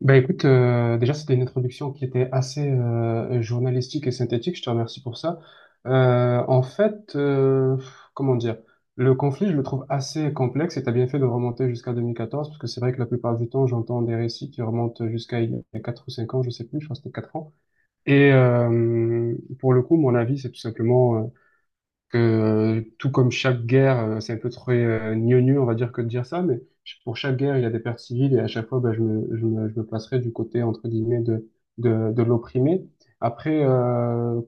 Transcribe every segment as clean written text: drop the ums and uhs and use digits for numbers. Déjà c'était une introduction qui était assez journalistique et synthétique, je te remercie pour ça. En fait, comment dire, le conflit je le trouve assez complexe et t'as bien fait de remonter jusqu'à 2014 parce que c'est vrai que la plupart du temps j'entends des récits qui remontent jusqu'à il y a 4 ou 5 ans, je sais plus, je crois que c'était 4 ans. Et euh, mon avis c'est tout simplement que tout comme chaque guerre, c'est un peu très gnognou, on va dire, que de dire ça, mais pour chaque guerre, il y a des pertes civiles et à chaque fois, ben, je me placerai du côté, entre guillemets, de l'opprimé. Après, euh,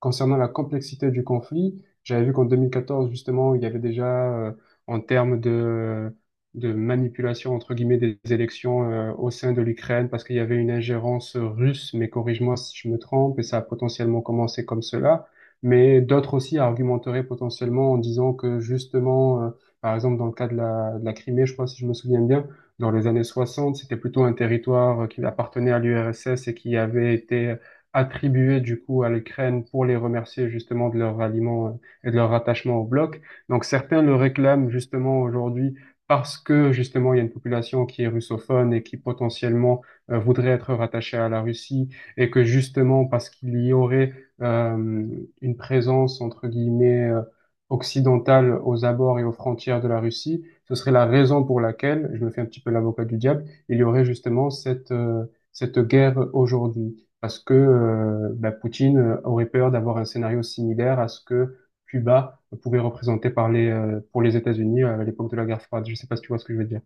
Concernant la complexité du conflit, j'avais vu qu'en 2014, justement, il y avait déjà, en termes de manipulation, entre guillemets, des élections, au sein de l'Ukraine, parce qu'il y avait une ingérence russe, mais corrige-moi si je me trompe, et ça a potentiellement commencé comme cela. Mais d'autres aussi argumenteraient potentiellement en disant que, par exemple, dans le cas de de la Crimée, je crois, si je me souviens bien, dans les années 60, c'était plutôt un territoire qui appartenait à l'URSS et qui avait été attribuées du coup à l'Ukraine pour les remercier justement de leur ralliement et de leur rattachement au bloc. Donc certains le réclament justement aujourd'hui parce que justement il y a une population qui est russophone et qui potentiellement voudrait être rattachée à la Russie et que justement parce qu'il y aurait euh, une présence entre guillemets occidentale aux abords et aux frontières de la Russie, ce serait la raison pour laquelle, je me fais un petit peu l'avocat du diable, il y aurait justement cette guerre aujourd'hui parce que Poutine aurait peur d'avoir un scénario similaire à ce que Cuba pouvait représenter par pour les États-Unis à l'époque de la guerre froide. Je sais pas si tu vois ce que je veux dire.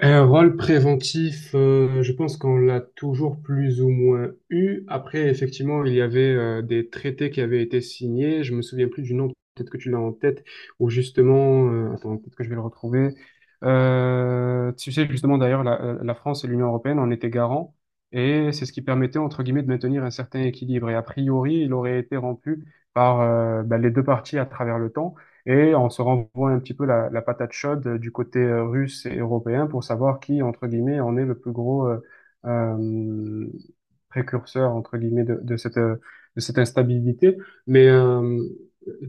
Un rôle préventif, je pense qu'on l'a toujours plus ou moins eu. Après, effectivement, il y avait des traités qui avaient été signés. Je me souviens plus du nom, peut-être que tu l'as en tête, ou attends, peut-être que je vais le retrouver. Tu sais, justement, d'ailleurs, la France et l'Union européenne en étaient garants, et c'est ce qui permettait, entre guillemets, de maintenir un certain équilibre. Et a priori, il aurait été rompu par les deux parties à travers le temps. Et on se renvoie un petit peu la patate chaude du côté russe et européen pour savoir qui, entre guillemets, en est le plus gros euh, précurseur, entre guillemets, de cette de cette instabilité. Mais euh,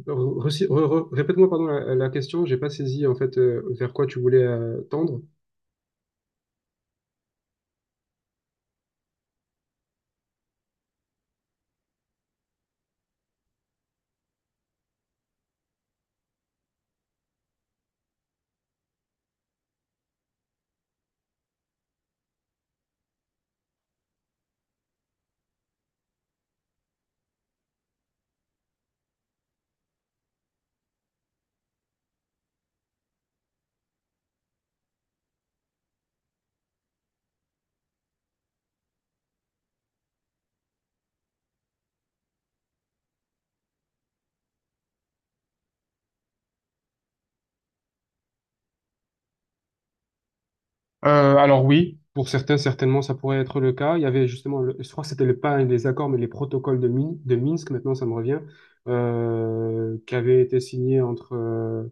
répète-moi, pardon, la question, j'ai pas saisi en fait vers quoi tu voulais tendre. Alors oui, pour certains, certainement, ça pourrait être le cas. Il y avait justement, je crois que c'était le, pas les accords, mais les protocoles de Minsk, maintenant ça me revient, qui avaient été signés entre, euh,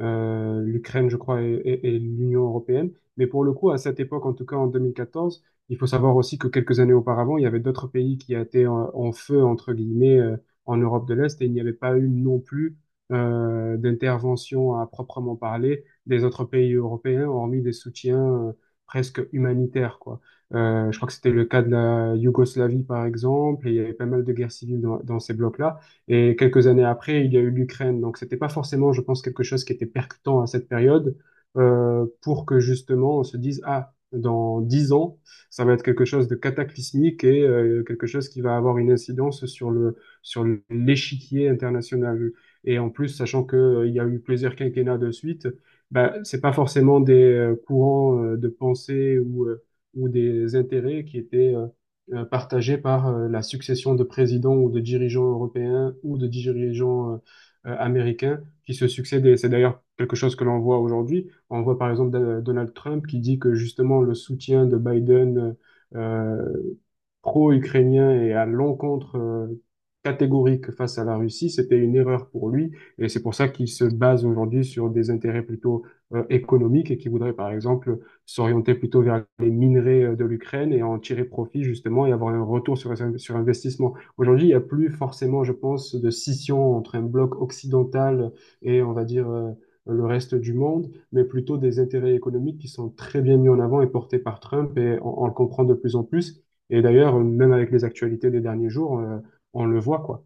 euh, l'Ukraine, je crois, et l'Union européenne. Mais pour le coup, à cette époque, en tout cas en 2014, il faut savoir aussi que quelques années auparavant, il y avait d'autres pays qui étaient en feu, entre guillemets, en Europe de l'Est, et il n'y avait pas eu non plus d'intervention à proprement parler des autres pays européens, hormis des soutiens euh, presque humanitaires, quoi. Je crois que c'était le cas de la Yougoslavie, par exemple, et il y avait pas mal de guerres civiles dans, dans ces blocs-là. Et quelques années après, il y a eu l'Ukraine. Donc, c'était pas forcément, je pense, quelque chose qui était percutant à cette période, pour que justement on se dise, ah, dans 10 ans, ça va être quelque chose de cataclysmique et quelque chose qui va avoir une incidence sur le sur l'échiquier international. Et en plus, sachant que il y a eu plusieurs quinquennats de suite, bah, c'est pas forcément des courants de pensée ou des intérêts qui étaient partagée par la succession de présidents ou de dirigeants européens ou de dirigeants américains qui se succèdent. Et c'est d'ailleurs quelque chose que l'on voit aujourd'hui. On voit par exemple Donald Trump qui dit que justement le soutien de Biden euh, pro-ukrainien et à l'encontre catégorique face à la Russie, c'était une erreur pour lui. Et c'est pour ça qu'il se base aujourd'hui sur des intérêts plutôt économiques et qu'il voudrait, par exemple, s'orienter plutôt vers les minerais de l'Ukraine et en tirer profit, justement, et avoir un retour sur investissement. Aujourd'hui, il n'y a plus forcément, je pense, de scission entre un bloc occidental et, on va dire, le reste du monde, mais plutôt des intérêts économiques qui sont très bien mis en avant et portés par Trump, et on le comprend de plus en plus. Et d'ailleurs, même avec les actualités des derniers jours, on le voit, quoi.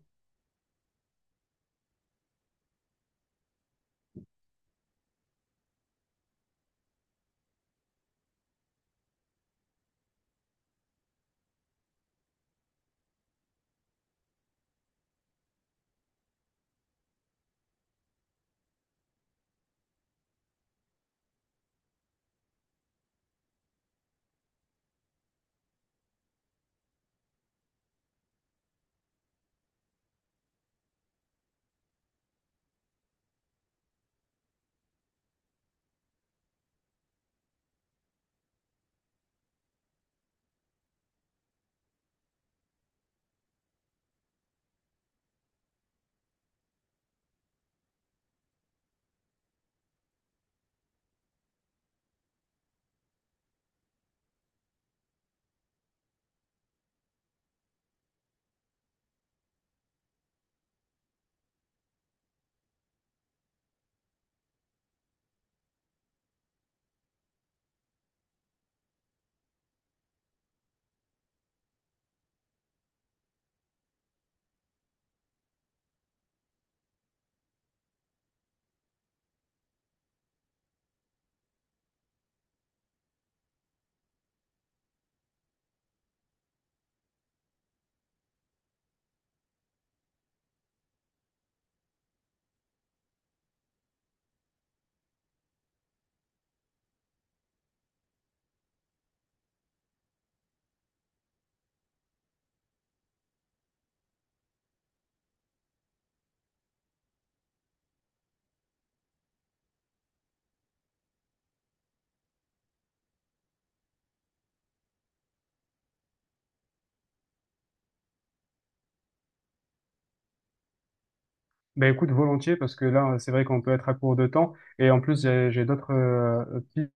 Ben écoute, volontiers, parce que là, c'est vrai qu'on peut être à court de temps. Et en plus, j'ai d'autres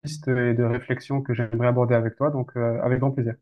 pistes et de réflexions que j'aimerais aborder avec toi, donc avec grand plaisir.